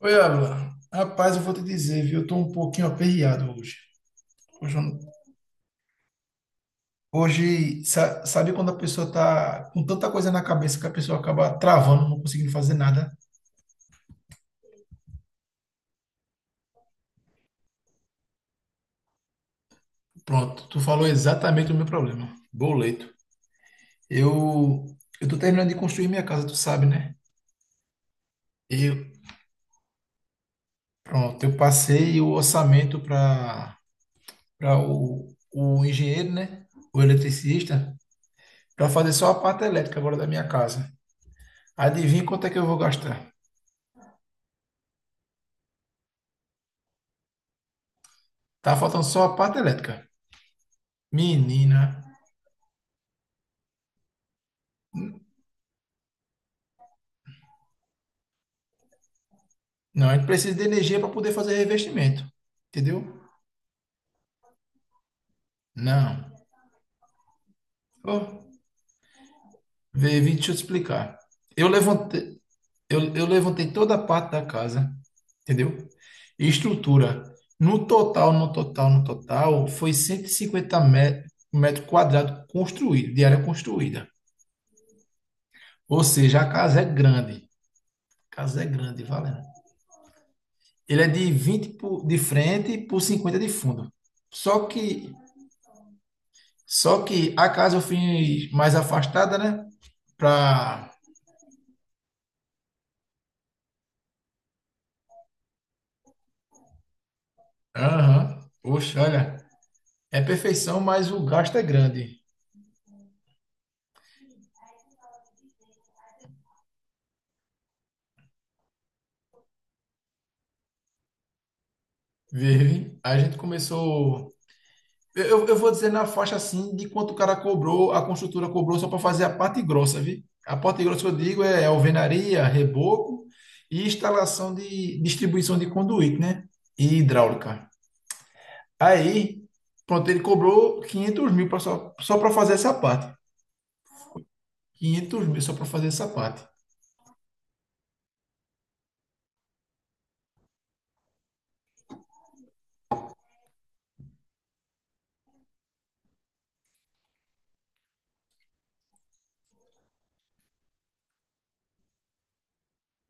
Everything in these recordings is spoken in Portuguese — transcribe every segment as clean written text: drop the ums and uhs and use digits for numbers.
Oi, Abla. Rapaz, eu vou te dizer, viu? Eu tô um pouquinho aperreado hoje. Hoje, eu não- Hoje, sabe quando a pessoa tá com tanta coisa na cabeça que a pessoa acaba travando, não conseguindo fazer nada? Pronto, tu falou exatamente o meu problema. Boleto. Eu, eu tô terminando de construir minha casa, tu sabe, né? Eu, pronto, eu passei o orçamento para o engenheiro, né? O eletricista, para fazer só a parte elétrica agora da minha casa. Adivinha quanto é que eu vou gastar? Tá faltando só a parte elétrica. Menina. Não, a gente precisa de energia para poder fazer revestimento. Entendeu? Não. Oh, vê, vim te explicar. Eu levantei, eu levantei toda a parte da casa, entendeu? E estrutura. No total, foi 150 metros quadrados construído, de área construída. Ou seja, a casa é grande. A casa é grande, valendo. Ele é de de frente por 50 de fundo. Só que só que a casa eu fiz mais afastada, né? Pra. Aham. Poxa, olha. É perfeição, mas o gasto é grande. Vive. A gente começou. Eu vou dizer na faixa assim de quanto o cara cobrou, a construtora cobrou só para fazer a parte grossa, viu? A parte grossa que eu digo é alvenaria, reboco e instalação de distribuição de conduíte, né? E hidráulica. Aí, pronto, ele cobrou 500 mil pra só para fazer essa parte. 500 mil só para fazer essa parte.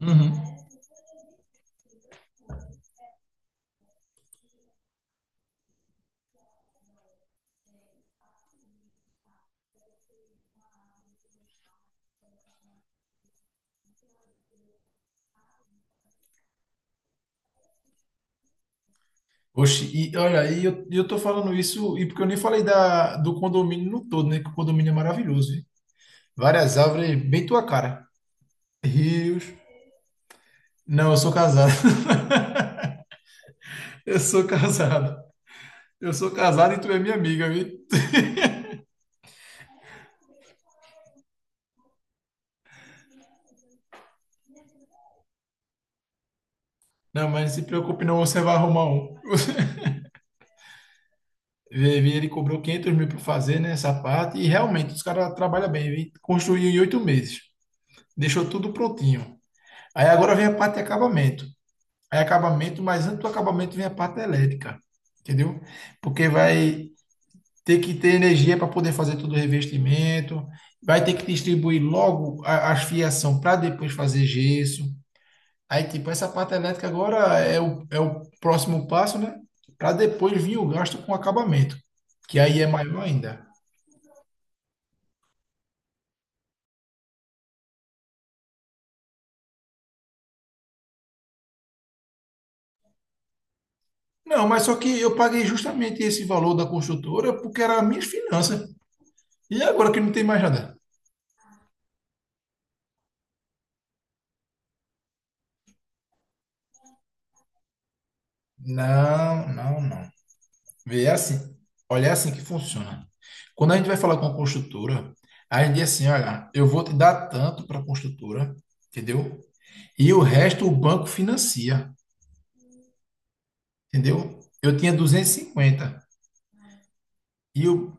Uhum. Oxe, e olha, e eu tô falando isso, e porque eu nem falei do condomínio no todo, né? Que o condomínio é maravilhoso, viu? Várias árvores, bem tua cara. Rios. Não, eu sou casado. Eu sou casado. Eu sou casado e tu é minha amiga, viu? Não, mas não se preocupe, não, você vai arrumar um. Vê, ele cobrou 500 mil para fazer, né, essa parte, e realmente os caras trabalham bem, viu? Construiu em 8 meses. Deixou tudo prontinho. Aí agora vem a parte de acabamento. É acabamento, mas antes do acabamento vem a parte elétrica, entendeu? Porque vai ter que ter energia para poder fazer todo o revestimento, vai ter que distribuir logo a fiação para depois fazer gesso. Aí, tipo, essa parte elétrica agora é o próximo passo, né? Para depois vir o gasto com acabamento, que aí é maior ainda. Não, mas só que eu paguei justamente esse valor da construtora porque era minhas finanças. E agora que não tem mais nada? Não, não, não. Vê, é assim. Olha, é assim que funciona. Quando a gente vai falar com a construtora, a gente diz assim, olha, eu vou te dar tanto para a construtora, entendeu? E o resto o banco financia, entendeu? Eu tinha 250 mil e o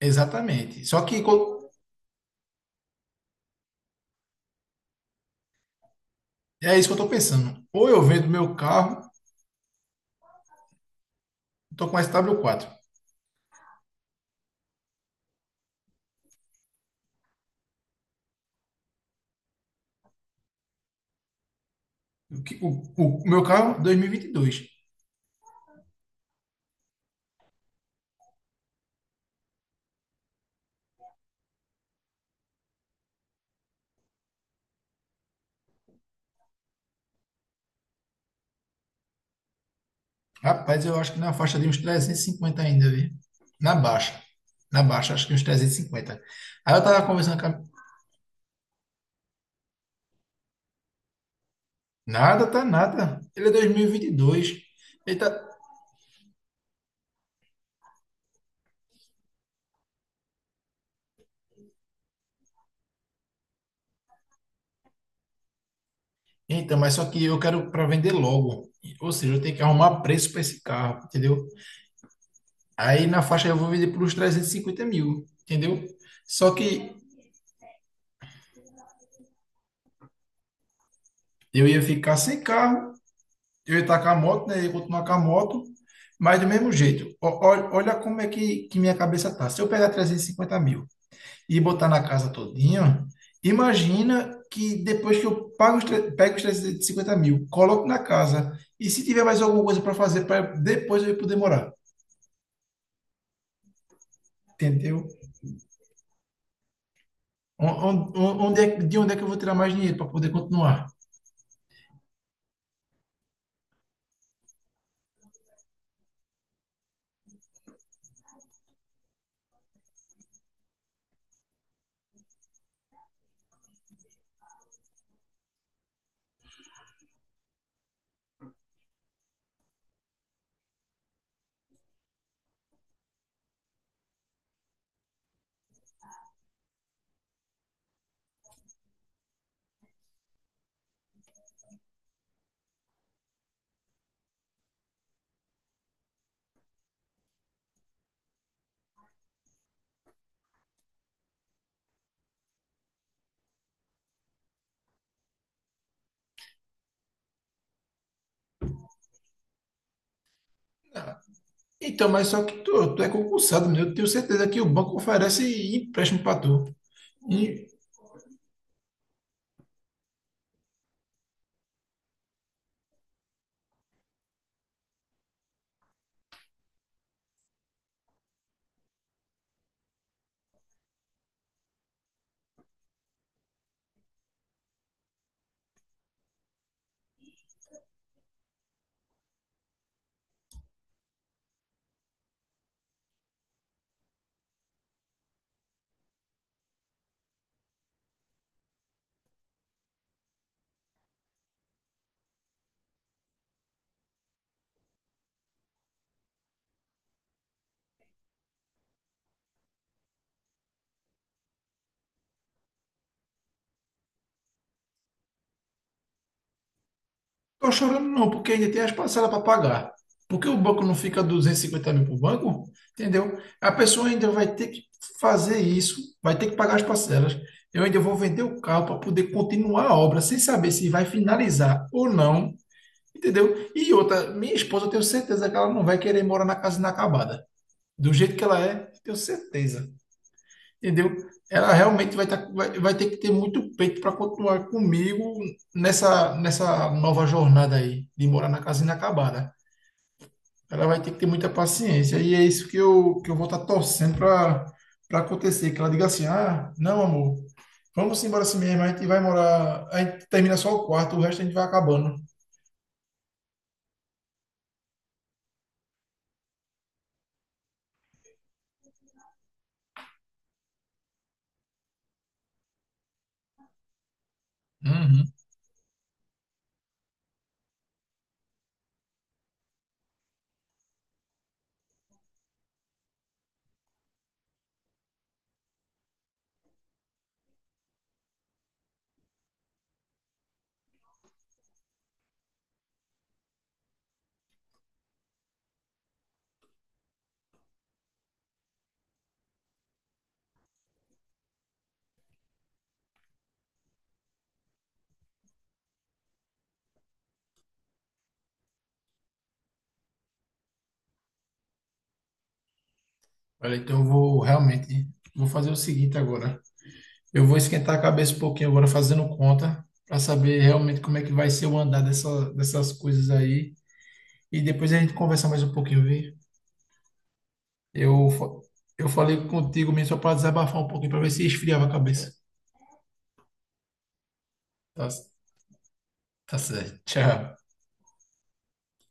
exatamente. É isso que eu estou pensando. Ou eu vendo meu carro, estou com sw quatro. O, que- o meu carro 2022. Rapaz, eu acho que na faixa de uns 350 mil ainda, viu? Na baixa. Na baixa, acho que uns 350 mil. Aí eu tava conversando nada, tá nada. Ele é dois mil e vinte e dois. Ele tá... Então, mas só que eu quero para vender logo. Ou seja, eu tenho que arrumar preço para esse carro, entendeu? Aí na faixa eu vou vender por uns 350 mil, entendeu? Só que eu ia ficar sem carro, eu ia estar com a moto, né? Eu ia continuar com a moto, mas do mesmo jeito. Ó, olha como é que minha cabeça tá. Se eu pegar 350 mil e botar na casa todinho, imagina que depois que eu pago pego os 350 mil, coloco na casa, e se tiver mais alguma coisa para fazer, para depois eu ir poder morar, entendeu? Onde é, de onde é que eu vou tirar mais dinheiro para poder continuar? Ah, então, mas só que tu é concursado, meu. Eu tenho certeza que o banco oferece empréstimo para tu. Tô chorando não, porque ainda tem as parcelas para pagar. Porque o banco não fica 250 mil para o banco, entendeu? A pessoa ainda vai ter que fazer isso, vai ter que pagar as parcelas. Eu ainda vou vender o carro para poder continuar a obra, sem saber se vai finalizar ou não, entendeu? E outra, minha esposa, eu tenho certeza que ela não vai querer morar na casa inacabada. Do jeito que ela é, tenho certeza entendeu? Ela realmente vai, tá, vai ter que ter muito peito para continuar comigo nessa nova jornada aí, de morar na casa inacabada. Ela vai ter que ter muita paciência, e é isso que que eu vou estar torcendo para acontecer, que ela diga assim, ah, não, amor, vamos embora assim mesmo, a gente vai morar, a gente termina só o quarto, o resto a gente vai acabando. Uhum. Olha, então eu vou realmente, vou fazer o seguinte agora. Eu vou esquentar a cabeça um pouquinho agora fazendo conta para saber realmente como é que vai ser o andar dessas coisas aí. E depois a gente conversa mais um pouquinho, viu? Eu, fa- eu falei contigo mesmo só para desabafar um pouquinho para ver se esfriava a cabeça. Tá, tá certo. Tchau.